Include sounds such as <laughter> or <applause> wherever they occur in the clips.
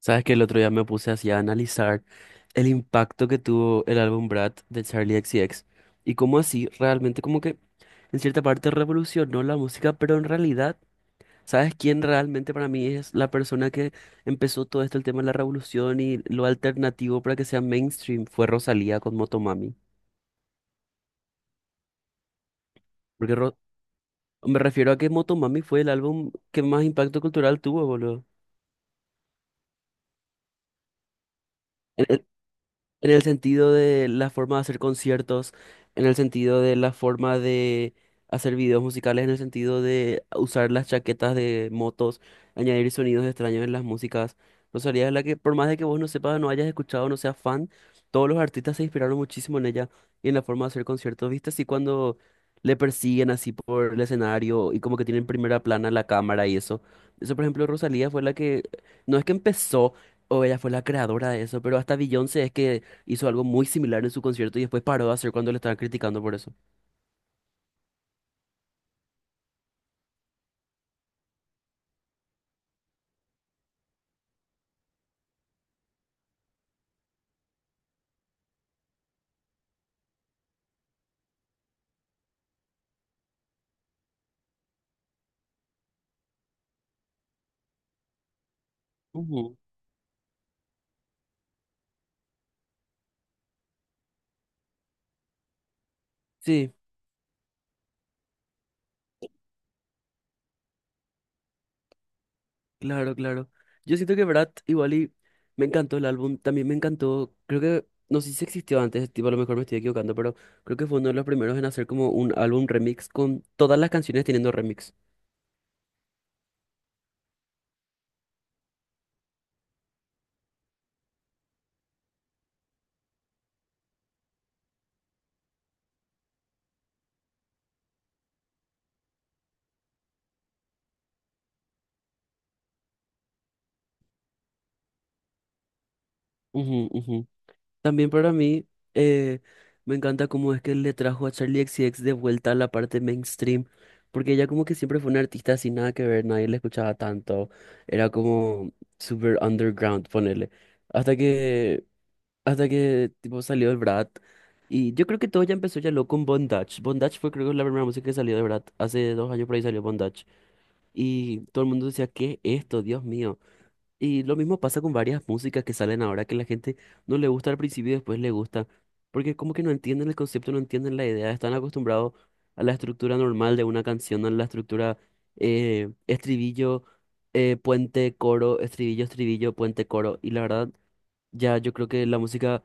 Sabes que el otro día me puse así a analizar el impacto que tuvo el álbum Brad de Charlie X C X y cómo así realmente como que en cierta parte revolucionó la música, pero en realidad, ¿sabes quién realmente para mí es la persona que empezó todo esto, el tema de la revolución y lo alternativo para que sea mainstream? Fue Rosalía con Motomami. Porque me refiero a que Motomami fue el álbum que más impacto cultural tuvo, boludo. En el sentido de la forma de hacer conciertos, en el sentido de la forma de hacer videos musicales, en el sentido de usar las chaquetas de motos, añadir sonidos extraños en las músicas. Rosalía es la que, por más de que vos no sepas, no hayas escuchado, no seas fan, todos los artistas se inspiraron muchísimo en ella y en la forma de hacer conciertos. ¿Viste así cuando le persiguen así por el escenario y como que tienen primera plana la cámara y eso? Eso, por ejemplo, Rosalía fue la que, no es que empezó, o ella fue la creadora de eso, pero hasta Beyoncé es que hizo algo muy similar en su concierto y después paró de hacer cuando le estaban criticando por eso. Ujú. Sí, claro. Yo siento que Brat igual y me encantó el álbum, también me encantó, creo que, no sé si existió antes, tipo a lo mejor me estoy equivocando, pero creo que fue uno de los primeros en hacer como un álbum remix con todas las canciones teniendo remix. Ujú. También para mí eh, me encanta cómo es que le trajo a Charlie XCX de vuelta a la parte mainstream, porque ella como que siempre fue una artista sin nada que ver, nadie la escuchaba tanto, era como super underground, ponele, hasta que, hasta que tipo salió el Brat, y yo creo que todo ya empezó ya lo con Bondage, Bondage fue creo que la primera música que salió de Brat, hace dos años por ahí salió Bondage, y todo el mundo decía, ¿qué es esto? Dios mío. Y lo mismo pasa con varias músicas que salen ahora que la gente no le gusta al principio y después le gusta, porque como que no entienden el concepto, no entienden la idea, están acostumbrados a la estructura normal de una canción, a la estructura estribillo, puente, coro, estribillo, estribillo, puente, coro. Y la verdad, ya yo creo que la música,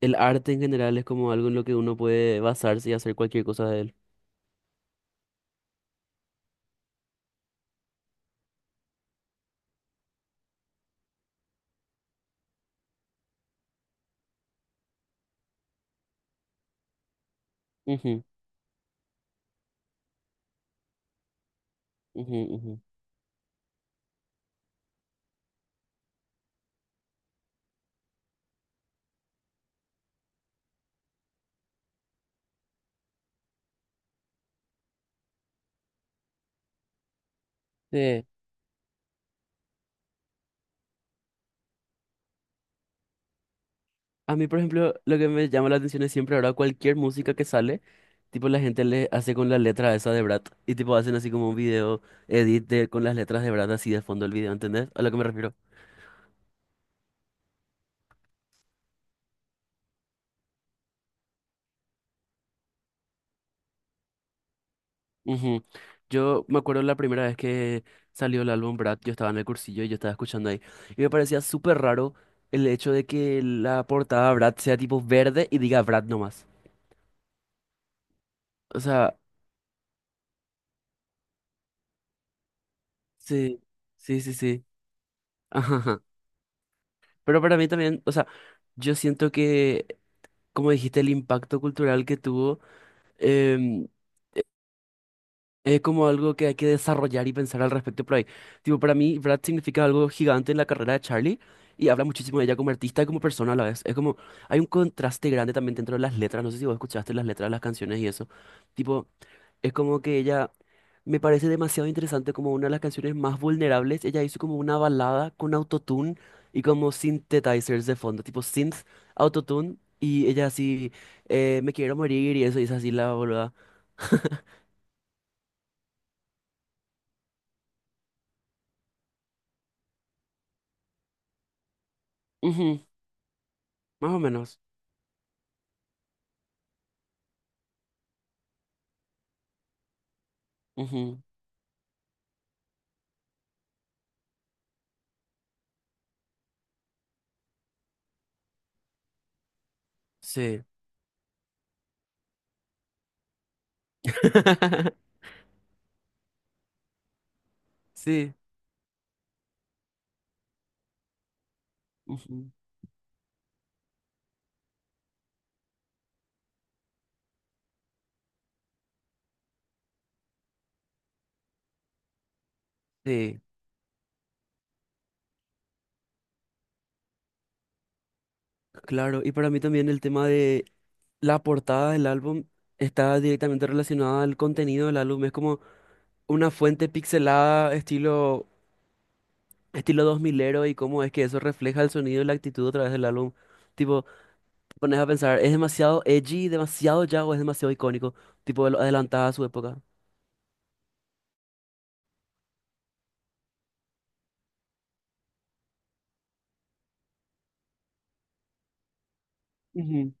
el arte en general es como algo en lo que uno puede basarse y hacer cualquier cosa de él. Ujú, ujú. Sí. A mí, por ejemplo, lo que me llama la atención es siempre ahora cualquier música que sale, tipo la gente le hace con la letra esa de Brad y tipo hacen así como un video con las letras de Brad así de fondo del video, ¿entendés? A lo que me refiero. Ujú. Yo me acuerdo la primera vez que salió el álbum Brad, yo estaba en el cursillo y yo estaba escuchando ahí y me parecía súper raro el hecho de que la portada Brad sea tipo verde y diga Brad nomás. O sea, sí, sí. <laughs> Ajá. Pero para mí también, o sea, yo siento que como dijiste, el impacto cultural que tuvo, em, es como algo que hay que desarrollar y pensar al respecto por ahí. Tipo, para mí, Brad significa algo gigante en la carrera de Charlie y habla muchísimo de ella como artista y como persona a la vez. Es como, hay un contraste grande también dentro de las letras. No sé si vos escuchaste las letras de las canciones y eso. Tipo, es como que ella me parece demasiado interesante como una de las canciones más vulnerables. Ella hizo como una balada con autotune y como synthetizers de fondo, tipo synth, autotune y ella así, me quiero morir y eso, y es así la boluda. <laughs> Más o menos. Ujú, sí. <laughs> Sí. Ujú, sí. Claro. Y para mí también el tema de la portada del álbum está directamente relacionada al contenido del álbum. Es como una fuente pixelada, estilo dos milero y cómo es que eso refleja el sonido y la actitud a través del álbum. Tipo, te pones a pensar, ¿es demasiado edgy, demasiado ya o es demasiado icónico? Tipo, adelantada a su época. Ujú.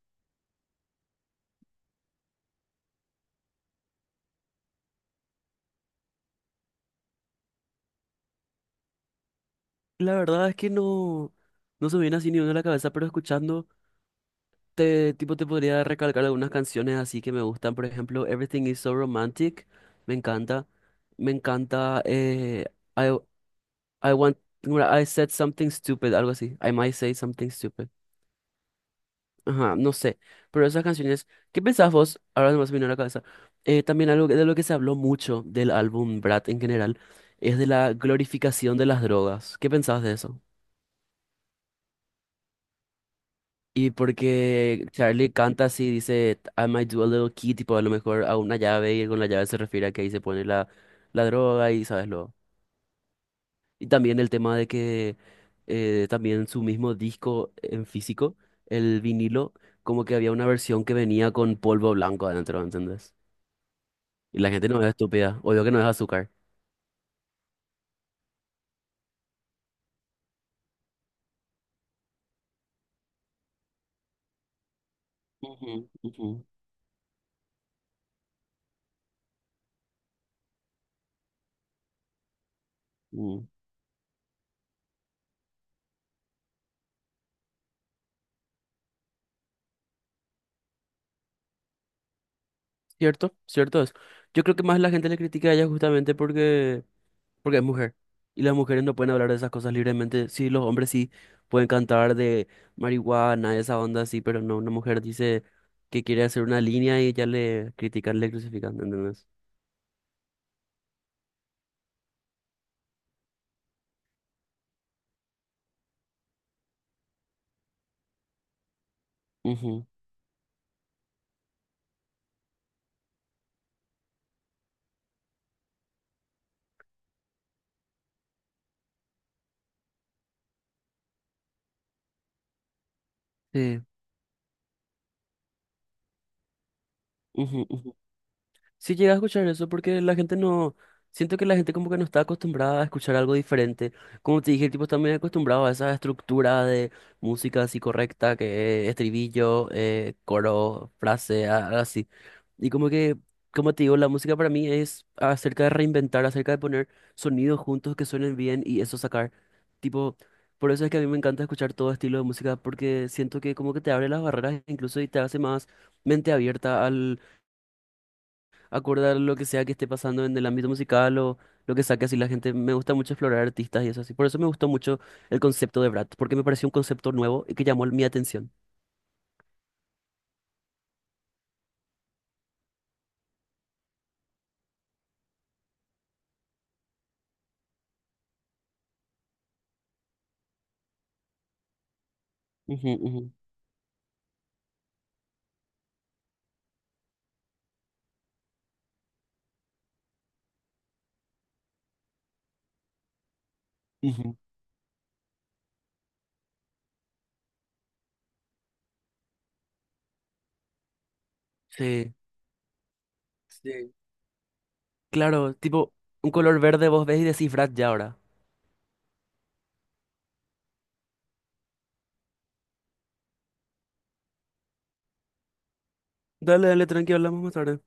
La verdad es que no, no se me viene así ni uno a la cabeza, pero escuchando. Tipo, te podría recalcar algunas canciones así que me gustan. Por ejemplo, Everything is so romantic. Me encanta. Me encanta. I, I want. No era, I said something stupid, algo así. I might say something stupid. Ajá, no sé. Pero esas canciones. ¿Qué pensás vos? Ahora nomás me vino a la cabeza. También algo de lo que se habló mucho del álbum Brat en general es de la glorificación de las drogas. ¿Qué pensás de eso? Y porque Charlie canta así, dice, I might do a little key, tipo a lo mejor a una llave, y con la llave se refiere a que ahí se pone la, la droga y sabes lo. Y también el tema de que también su mismo disco en físico, el vinilo, como que había una versión que venía con polvo blanco adentro, ¿entendés? Y la gente no es estúpida, obvio que no es azúcar. Ujú, ujú, mm. Cierto es. Yo creo que más la gente le critica a ella justamente porque es mujer. Y las mujeres no pueden hablar de esas cosas libremente. Sí, los hombres sí pueden cantar de marihuana, esa onda así, pero no, una mujer dice que quiere hacer una línea y ya le critican, le crucifican, ¿entendés? Ujú, sí. Ujú Sí llegué a escuchar eso porque la gente no, siento que la gente como que no está acostumbrada a escuchar algo diferente. Como te dije, el tipo está muy acostumbrado a esa estructura de música así correcta, que es estribillo, coro, frase, así. Y como que, como te digo, la música para mí es acerca de reinventar, acerca de poner sonidos juntos que suenen bien y eso sacar. Tipo, por eso es que a mí me encanta escuchar todo estilo de música porque siento que como que te abre las barreras incluso y te hace más mente abierta acorde a lo que sea que esté pasando en el ámbito musical o lo que saque así la gente. Me gusta mucho explorar artistas y eso así. Por eso me gustó mucho el concepto de Brat, porque me pareció un concepto nuevo y que llamó mi atención. Ujú, ujú, ujú. Sí, sí. Claro, tipo un color verde vos ves y decís Brat ya ahora. Dale, tranqui, hablamos más tarde.